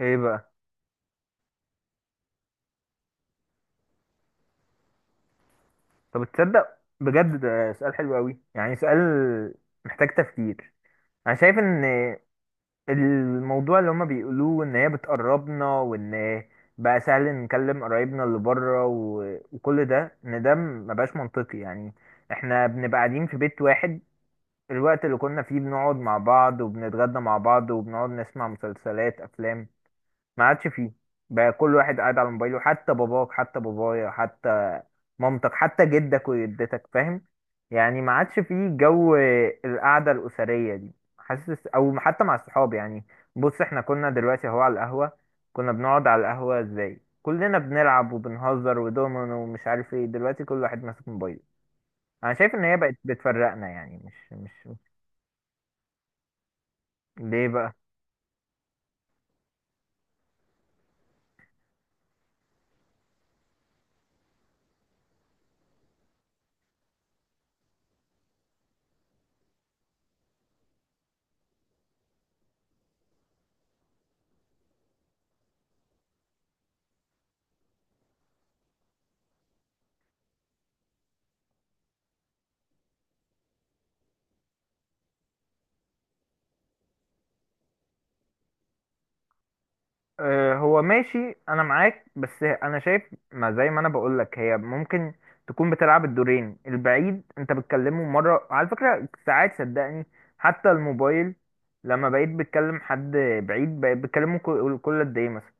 ايه بقى؟ طب تصدق؟ بجد ده سؤال حلو قوي، يعني سؤال محتاج تفكير. انا شايف ان الموضوع اللي هما بيقولوه ان هي بتقربنا، وان بقى سهل نكلم قرايبنا اللي بره، وكل ده، ان ده مبقاش منطقي يعني. احنا بنبقى قاعدين في بيت واحد، الوقت اللي كنا فيه بنقعد مع بعض وبنتغدى مع بعض وبنقعد نسمع مسلسلات افلام ما عادش فيه. بقى كل واحد قاعد على موبايله، حتى باباك حتى بابايا حتى مامتك حتى جدك وجدتك، فاهم؟ يعني ما عادش فيه جو القعدة الأسرية دي، حاسس؟ أو حتى مع الصحاب يعني. بص، احنا كنا دلوقتي اهو على القهوة، كنا بنقعد على القهوة ازاي كلنا بنلعب وبنهزر ودومينو ومش عارف ايه، دلوقتي كل واحد ماسك موبايله. انا شايف ان هي بقت بتفرقنا، يعني مش. ليه بقى؟ آه، هو ماشي، انا معاك، بس انا شايف، ما زي ما انا بقول لك هي ممكن تكون بتلعب الدورين، البعيد انت بتكلمه مره على فكره، ساعات صدقني، حتى الموبايل لما بقيت بتكلم حد بعيد، بقيت بتكلمه كل قد ايه مثلا؟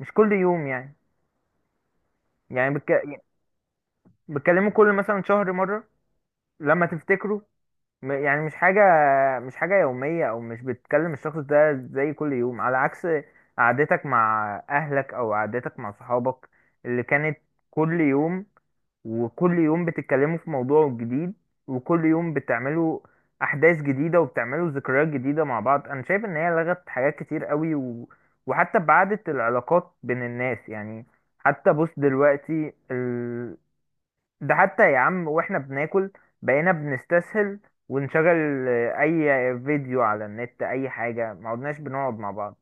مش كل يوم يعني بتكلمه كل مثلا شهر مره لما تفتكره. يعني مش حاجة يومية، أو مش بتكلم الشخص ده زي كل يوم، على عكس قعدتك مع أهلك أو قعدتك مع صحابك اللي كانت كل يوم، وكل يوم بتتكلموا في موضوع جديد، وكل يوم بتعملوا أحداث جديدة وبتعملوا ذكريات جديدة مع بعض. أنا شايف إن هي لغت حاجات كتير قوي، و... وحتى بعدت العلاقات بين الناس يعني. حتى بص دلوقتي، ده حتى يا عم، واحنا بناكل بقينا بنستسهل ونشغل اي فيديو على النت، اي حاجة، ما عدناش بنقعد مع بعض،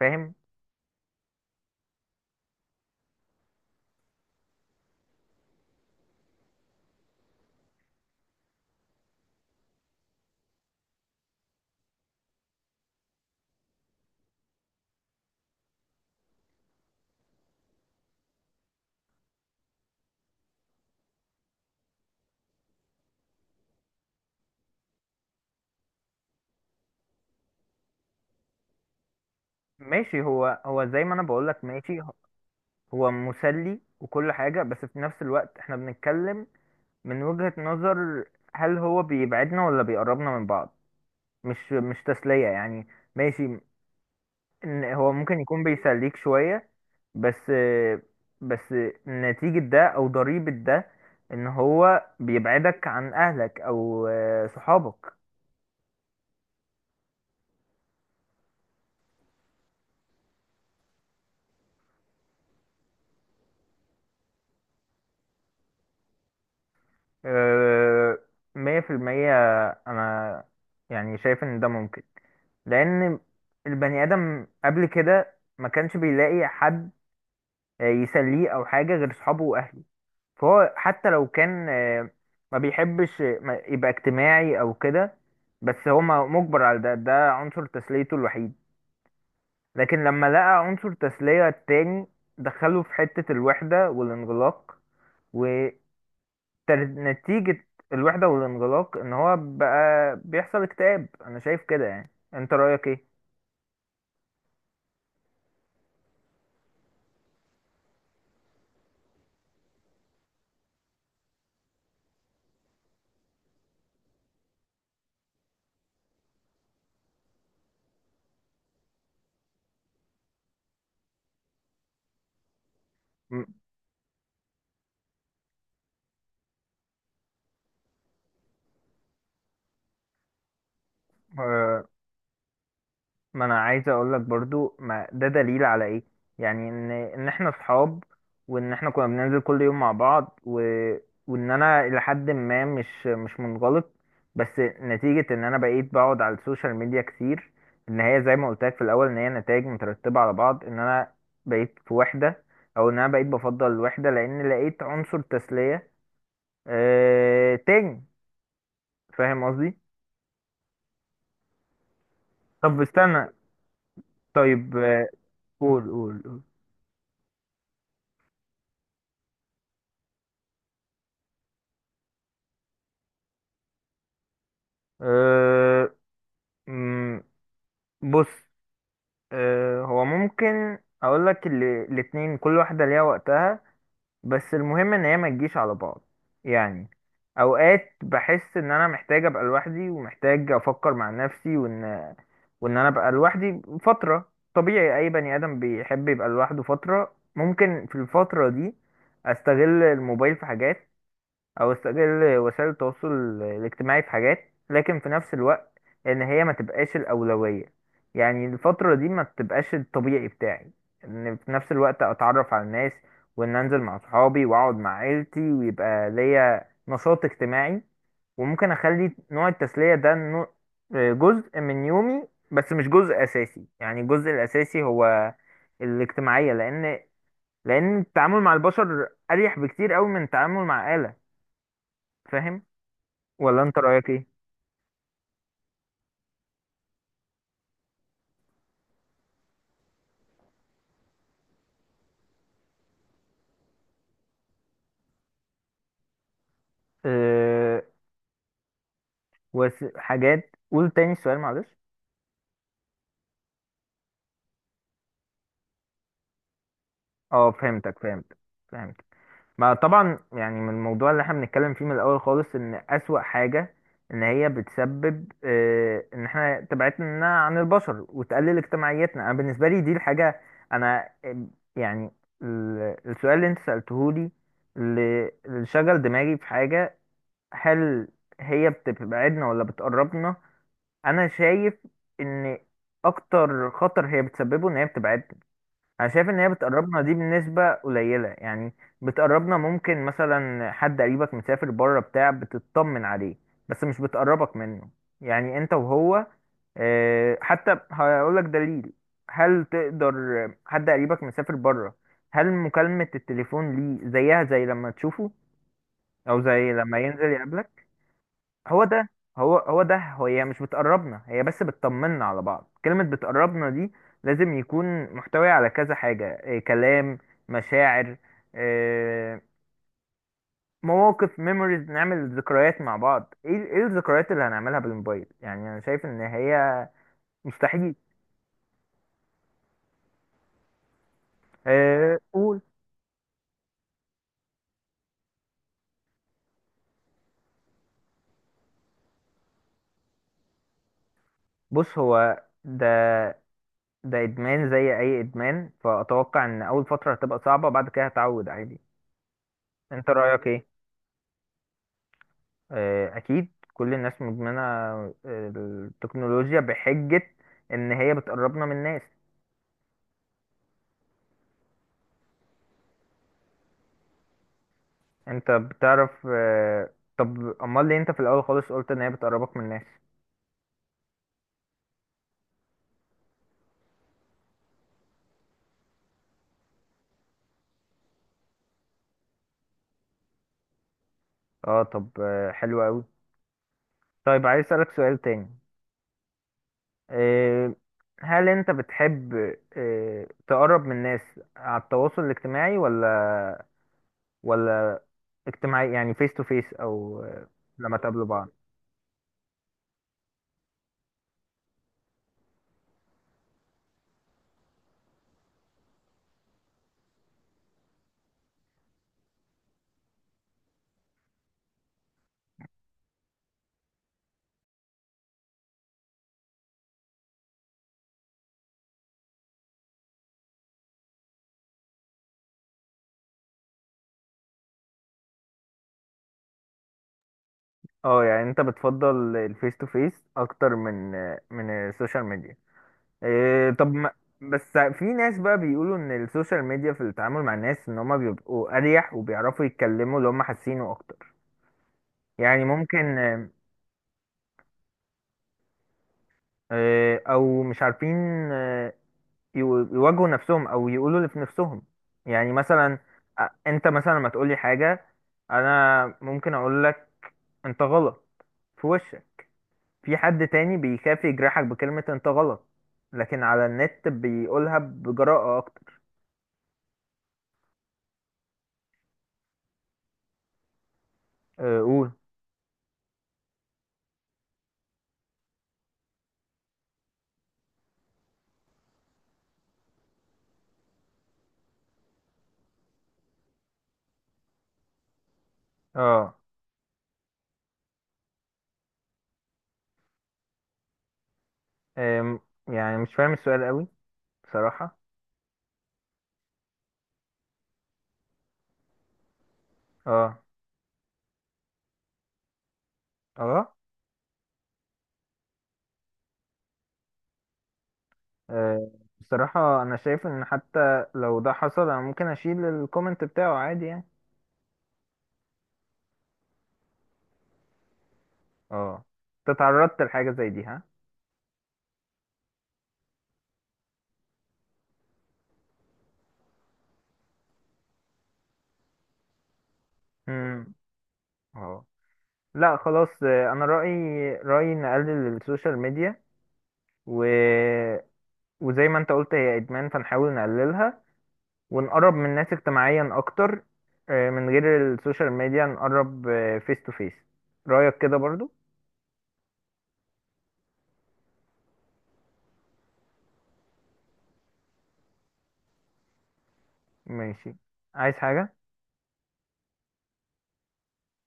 فاهم؟ ماشي، هو زي ما انا بقولك، ماشي، هو مسلي وكل حاجة، بس في نفس الوقت احنا بنتكلم من وجهة نظر هل هو بيبعدنا ولا بيقربنا من بعض؟ مش تسلية يعني. ماشي، إن هو ممكن يكون بيسليك شوية، بس بس نتيجة ده أو ضريبة ده إن هو بيبعدك عن أهلك أو صحابك. آه، مية في المية، أنا يعني شايف إن ده ممكن، لأن البني آدم قبل كده ما كانش بيلاقي حد يسليه أو حاجة غير صحابه وأهله، فهو حتى لو كان ما بيحبش يبقى اجتماعي أو كده، بس هو مجبر على ده، ده عنصر تسليته الوحيد، لكن لما لقى عنصر تسلية التاني دخله في حتة الوحدة والانغلاق، ونتيجة الوحدة والانغلاق ان هو بقى بيحصل اكتئاب. انا شايف كده، يعني انت رأيك ايه؟ م- ما انا عايز اقول لك برضو، ما ده دليل على ايه؟ يعني ان احنا اصحاب، وان احنا كنا بننزل كل يوم مع بعض، و... وان انا لحد ما مش منغلق، بس نتيجة ان انا بقيت بقعد على السوشيال ميديا كتير، ان هي زي ما قلت لك في الاول، ان هي نتائج مترتبة على بعض، ان انا بقيت في وحدة، او ان انا بقيت بفضل الوحدة لان لقيت عنصر تسلية تاني، فاهم قصدي؟ طب استنى، طيب، قول قول قول. أه... بص، هو ممكن اقول لك الاتنين كل واحدة ليها وقتها، بس المهم ان هي ما تجيش على بعض، يعني اوقات بحس ان انا محتاج ابقى لوحدي ومحتاج افكر مع نفسي، وان انا ابقى لوحدي فترة، طبيعي اي بني ادم بيحب يبقى لوحده فترة، ممكن في الفترة دي استغل الموبايل في حاجات، او استغل وسائل التواصل الاجتماعي في حاجات، لكن في نفس الوقت ان هي ما تبقاش الاولويه، يعني الفتره دي ما تبقاش الطبيعي بتاعي، ان في نفس الوقت اتعرف على الناس، وان انزل مع صحابي واقعد مع عيلتي ويبقى ليا نشاط اجتماعي، وممكن اخلي نوع التسليه ده جزء من يومي، بس مش جزء اساسي، يعني الجزء الاساسي هو الاجتماعيه، لان التعامل مع البشر اريح بكتير قوي من التعامل مع آلة، فاهم ولا انت رأيك ايه؟ أه، حاجات، قول تاني السؤال معلش. اه، فهمتك فهمتك فهمتك. ما طبعا يعني، من الموضوع اللي احنا بنتكلم فيه من الاول خالص، ان اسوأ حاجة ان هي بتسبب ان احنا تبعدنا عن البشر وتقلل اجتماعيتنا، انا بالنسبة لي دي الحاجة، انا يعني السؤال اللي انت سألته لي، اللي اللي شغل دماغي في حاجة، هل هي بتبعدنا ولا بتقربنا؟ انا شايف ان اكتر خطر هي بتسببه ان هي بتبعدنا، انا شايف ان هي بتقربنا دي بنسبة قليلة يعني، بتقربنا ممكن مثلا حد قريبك مسافر بره بتاع بتطمن عليه، بس مش بتقربك منه، يعني انت وهو. حتى هقولك دليل، هل تقدر؟ حد قريبك مسافر بره، هل مكالمة التليفون ليه زيها زي لما تشوفه او زي لما ينزل يقابلك؟ هو ده، هو ده، هو هي مش بتقربنا، هي بس بتطمنا على بعض. كلمة بتقربنا دي لازم يكون محتوي على كذا حاجة، إيه؟ كلام، مشاعر، إيه؟ مواقف، ميموريز، نعمل ذكريات مع بعض. ايه ايه الذكريات اللي هنعملها بالموبايل؟ يعني انا شايف ان هي مستحيل. إيه قول. بص، هو ده، ده ادمان زي اي ادمان، فاتوقع ان اول فترة هتبقى صعبة، بعد كده هتعود عادي. انت رأيك ايه؟ آه، أكيد كل الناس مدمنة التكنولوجيا، بحجة إن هي بتقربنا من الناس. أنت بتعرف. طب أمال ليه أنت في الأول خالص قلت إن هي بتقربك من الناس؟ أه، طب حلو أوي. طيب، عايز أسألك سؤال تاني. آه، هل أنت بتحب تقرب من الناس على التواصل الاجتماعي، ولا اجتماعي يعني فيس تو فيس، أو لما تقابلوا بعض؟ اه، يعني انت بتفضل الفيس تو فيس اكتر من السوشيال ميديا. إيه؟ طب، ما بس في ناس بقى بيقولوا ان السوشيال ميديا في التعامل مع الناس ان هما بيبقوا اريح وبيعرفوا يتكلموا اللي هما حاسينه اكتر، يعني ممكن، إيه، او مش عارفين آه، يواجهوا نفسهم، او يقولوا اللي في نفسهم. يعني مثلا، انت مثلا لما تقولي حاجة انا ممكن اقول لك انت غلط في وشك، في حد تاني بيخاف يجرحك بكلمة انت غلط، لكن على النت بيقولها بجراءة اكتر. آه، قول. اه، أم، يعني مش فاهم السؤال قوي بصراحة. اه، اه، أه، بصراحة انا شايف ان حتى لو ده حصل انا ممكن اشيل الكومنت بتاعه عادي يعني. اه، انت تعرضت لحاجة زي دي ها؟ امم، اه، لا خلاص. انا رأيي نقلل السوشيال ميديا، و... وزي ما انت قلت هي ادمان، فنحاول نقللها، ونقرب من الناس اجتماعيا اكتر، من غير السوشيال ميديا نقرب فيس تو فيس، رأيك كده برضو؟ ماشي، عايز حاجة؟